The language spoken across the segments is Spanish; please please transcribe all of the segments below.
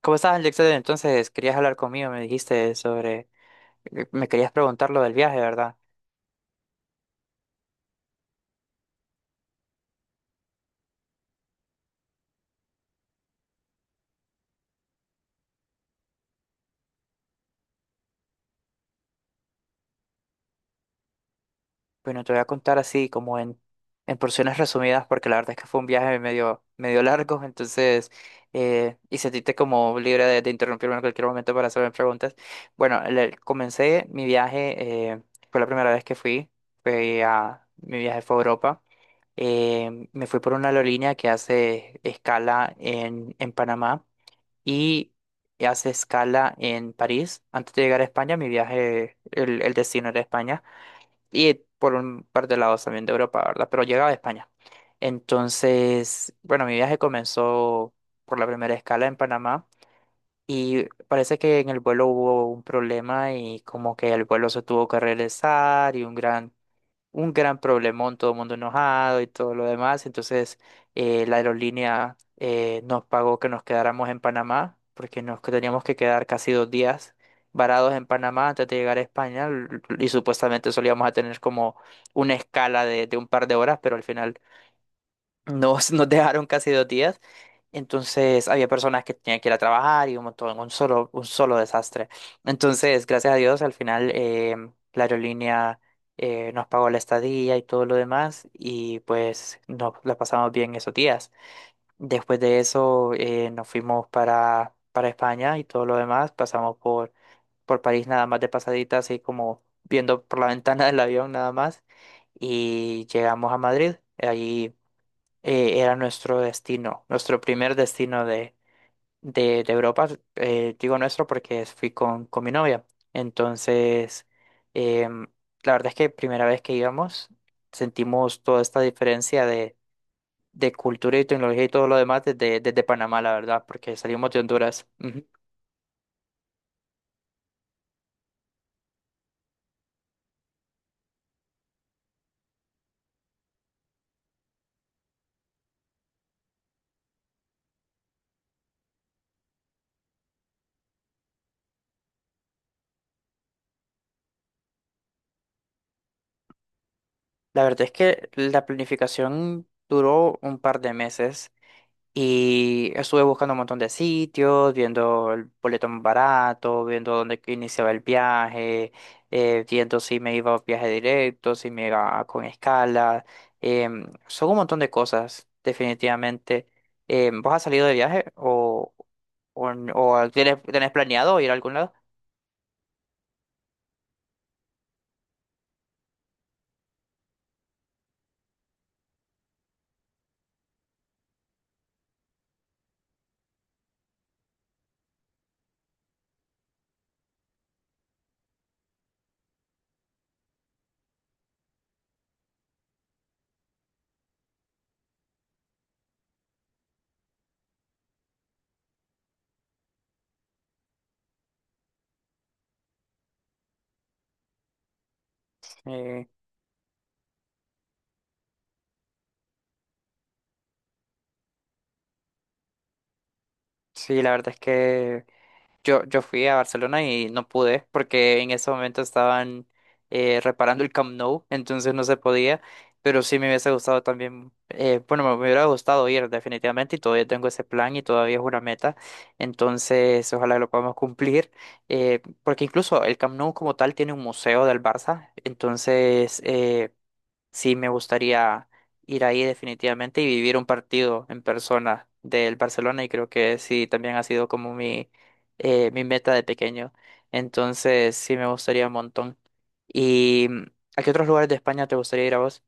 ¿Cómo estás, Alexander? Entonces, querías hablar conmigo, me dijiste sobre, me querías preguntar lo del viaje, ¿verdad? Bueno, te voy a contar así como en porciones resumidas, porque la verdad es que fue un viaje medio largo, entonces, y sentiste como libre de interrumpirme en cualquier momento para hacerme preguntas. Bueno, comencé mi viaje, fue la primera vez que mi viaje fue a Europa. Me fui por una aerolínea que hace escala en Panamá y hace escala en París. Antes de llegar a España, mi viaje, el destino era España y por un par de lados también de Europa, ¿verdad? Pero llegaba a España. Entonces, bueno, mi viaje comenzó por la primera escala en Panamá y parece que en el vuelo hubo un problema y como que el vuelo se tuvo que regresar y un gran problemón, todo el mundo enojado y todo lo demás. Entonces, la aerolínea nos pagó que nos quedáramos en Panamá, porque teníamos que quedar casi dos días varados en Panamá antes de llegar a España y supuestamente solíamos a tener como una escala de un par de horas, pero al final nos dejaron casi dos días. Entonces había personas que tenían que ir a trabajar y un montón, un solo desastre. Entonces, gracias a Dios, al final la aerolínea nos pagó la estadía y todo lo demás y pues nos la pasamos bien esos días. Después de eso nos fuimos para España y todo lo demás. Pasamos por París nada más de pasadita, así como viendo por la ventana del avión nada más y llegamos a Madrid. Allí era nuestro destino, nuestro primer destino de Europa. Digo nuestro porque fui con mi novia. Entonces, em, la verdad es que primera vez que íbamos, sentimos toda esta diferencia de cultura y tecnología y todo lo demás desde Panamá, la verdad, porque salimos de Honduras. Ujú. La verdad es que la planificación duró un par de meses. Y estuve buscando un montón de sitios, viendo el boleto más barato, viendo dónde que iniciaba el viaje, viendo si me iba a viaje directo, si me iba con escala. Em, son un montón de cosas, definitivamente. ¿Vos has salido de viaje o tienes, tenés planeado ir a algún lado? Eh, sí, la verdad es que yo fui a Barcelona y no pude porque en ese momento estaban reparando el Camp Nou, entonces no se podía, pero sí me hubiese gustado también, bueno, me hubiera gustado ir definitivamente y todavía tengo ese plan y todavía es una meta, entonces ojalá lo podamos cumplir, porque incluso el Camp Nou como tal tiene un museo del Barça, entonces, sí me gustaría ir ahí definitivamente y vivir un partido en persona del Barcelona y creo que sí también ha sido como mi, mi meta de pequeño. Entonces sí me gustaría un montón. ¿Y a qué otros lugares de España te gustaría ir a vos?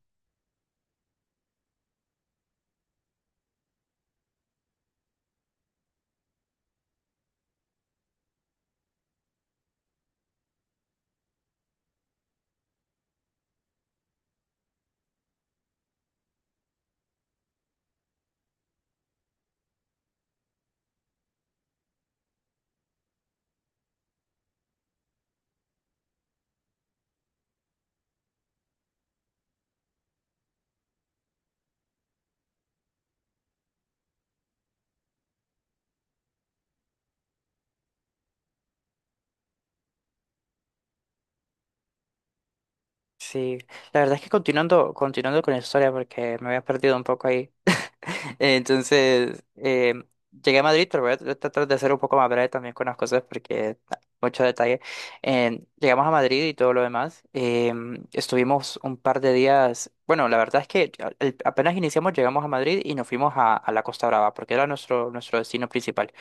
Sí, la verdad es que continuando con la historia, porque me había perdido un poco ahí. Entonces, llegué a Madrid, pero voy a tratar de ser un poco más breve también con las cosas, porque ah, mucho detalle. Llegamos a Madrid y todo lo demás. Estuvimos un par de días. Bueno, la verdad es que apenas iniciamos, llegamos a Madrid y nos fuimos a la Costa Brava, porque era nuestro destino principal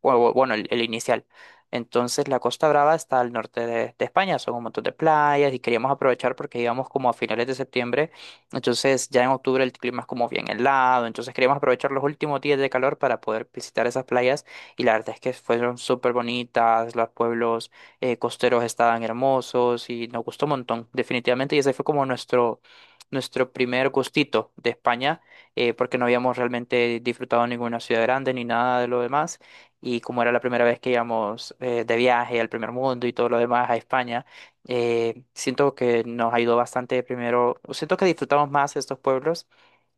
bueno, el inicial. Entonces la Costa Brava está al norte de España, son un montón de playas y queríamos aprovechar porque íbamos como a finales de septiembre, entonces ya en octubre el clima es como bien helado, entonces queríamos aprovechar los últimos días de calor para poder visitar esas playas y la verdad es que fueron súper bonitas, los pueblos costeros estaban hermosos y nos gustó un montón, definitivamente, y ese fue como nuestro primer gustito de España porque no habíamos realmente disfrutado ninguna ciudad grande ni nada de lo demás y como era la primera vez que íbamos de viaje al primer mundo y todo lo demás a España, siento que nos ayudó bastante primero, siento que disfrutamos más estos pueblos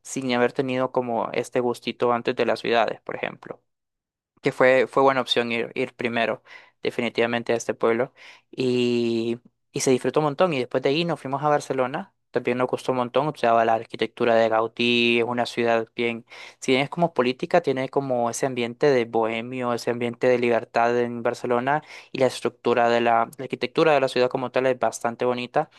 sin haber tenido como este gustito antes de las ciudades, por ejemplo que fue buena opción ir primero, definitivamente a este pueblo. Y, y se disfrutó un montón. Y después de ahí nos fuimos a Barcelona. También nos costó un montón, observaba la arquitectura de Gaudí, es una ciudad bien, si bien es como política, tiene como ese ambiente de bohemio, ese ambiente de libertad en Barcelona y la estructura de la arquitectura de la ciudad como tal es bastante bonita.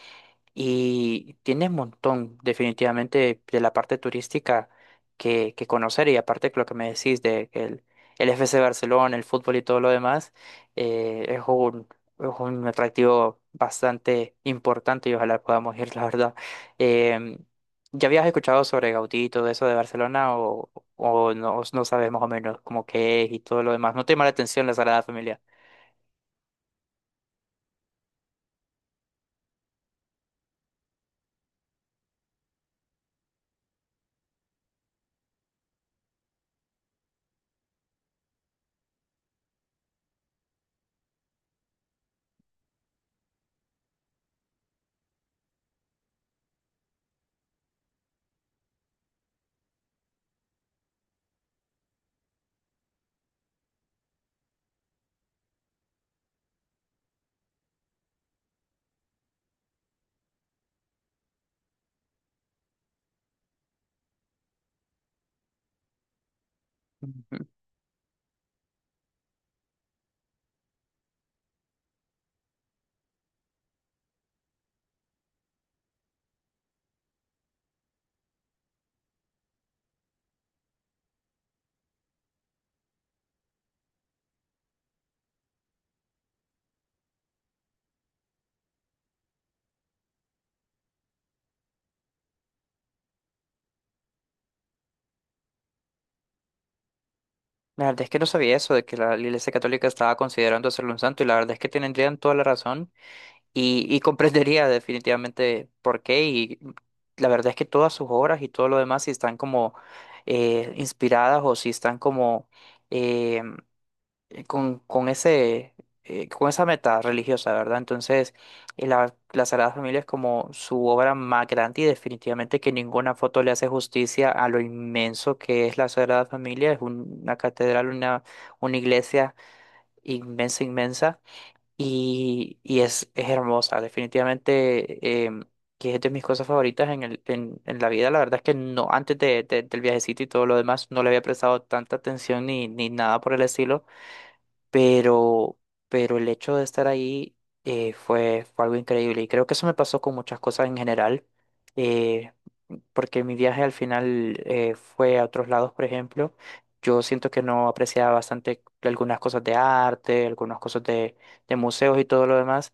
Y tiene un montón, definitivamente, de la parte turística que conocer. Y aparte, lo que me decís de que el FC Barcelona, el fútbol y todo lo demás, es es un atractivo bastante importante y ojalá podamos ir, la verdad. Em, ¿Ya habías escuchado sobre Gaudí y todo eso de Barcelona o no, no sabes más o menos cómo qué es y todo lo demás? ¿No te llama la atención la Sagrada Familia? La verdad es que no sabía eso, de que la Iglesia Católica estaba considerando hacerlo un santo, y la verdad es que tendrían toda la razón comprendería definitivamente por qué. Y la verdad es que todas sus obras y todo lo demás, si están como inspiradas o si están como eh, con ese, con esa meta religiosa, ¿verdad? Entonces, la Sagrada Familia es como su obra más grande y definitivamente que ninguna foto le hace justicia a lo inmenso que es la Sagrada Familia. Es una catedral, una iglesia inmensa, inmensa y es hermosa, definitivamente. Em, Que es de mis cosas favoritas en, el, en la vida. La verdad es que no, antes del viajecito y todo lo demás, no le había prestado tanta atención ni nada por el estilo pero, pero el hecho de estar ahí fue algo increíble y creo que eso me pasó con muchas cosas en general, eh, porque mi viaje al final fue a otros lados, por ejemplo, yo siento que no apreciaba bastante algunas cosas de arte, algunas cosas de museos y todo lo demás,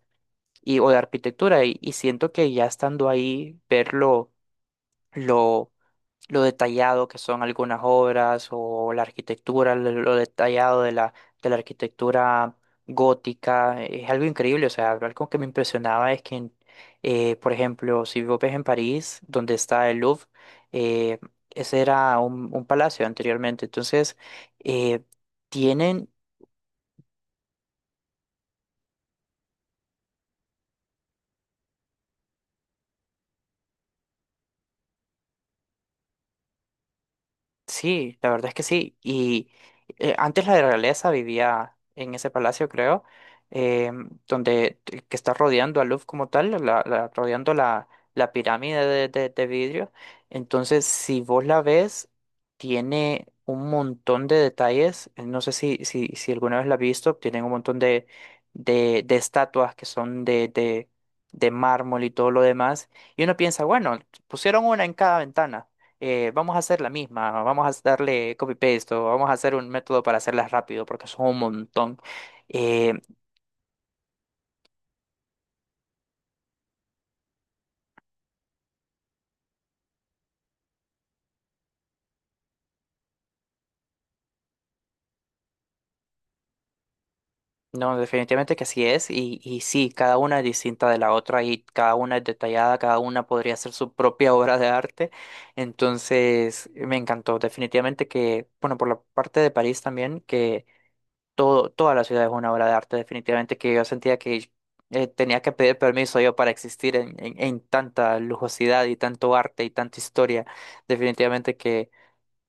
y, o de arquitectura, y siento que ya estando ahí, verlo lo detallado que son algunas obras o la arquitectura, lo detallado de la arquitectura gótica, es algo increíble. O sea, algo que me impresionaba es que, por ejemplo, si vos ves en París, donde está el Louvre, eh, ese era un palacio anteriormente. Entonces, eh, tienen sí, la verdad es que sí. Y antes la realeza vivía en ese palacio, creo, donde que está rodeando a Louvre como tal, rodeando la pirámide de vidrio. Entonces, si vos la ves, tiene un montón de detalles. No sé si alguna vez la has visto, tienen un montón de estatuas que son de mármol y todo lo demás. Y uno piensa, bueno, pusieron una en cada ventana, vamos a hacer la misma, vamos a darle copy-paste o vamos a hacer un método para hacerlas rápido porque son un montón. Eh, no, definitivamente que así es y sí, cada una es distinta de la otra y cada una es detallada, cada una podría ser su propia obra de arte. Entonces, me encantó, definitivamente que, bueno, por la parte de París también, que todo, toda la ciudad es una obra de arte, definitivamente, que yo sentía que tenía que pedir permiso yo para existir en, en tanta lujosidad y tanto arte y tanta historia. Definitivamente que,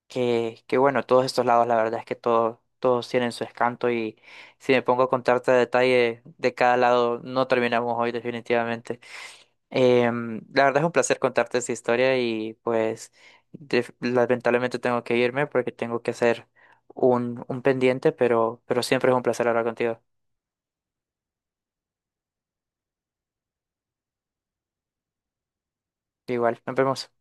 que, que bueno, todos estos lados, la verdad es que todo, todos tienen su escanto y si me pongo a contarte a detalle de cada lado, no terminamos hoy, definitivamente. La verdad es un placer contarte esta historia y pues lamentablemente tengo que irme porque tengo que hacer un pendiente, pero siempre es un placer hablar contigo. Igual, nos vemos.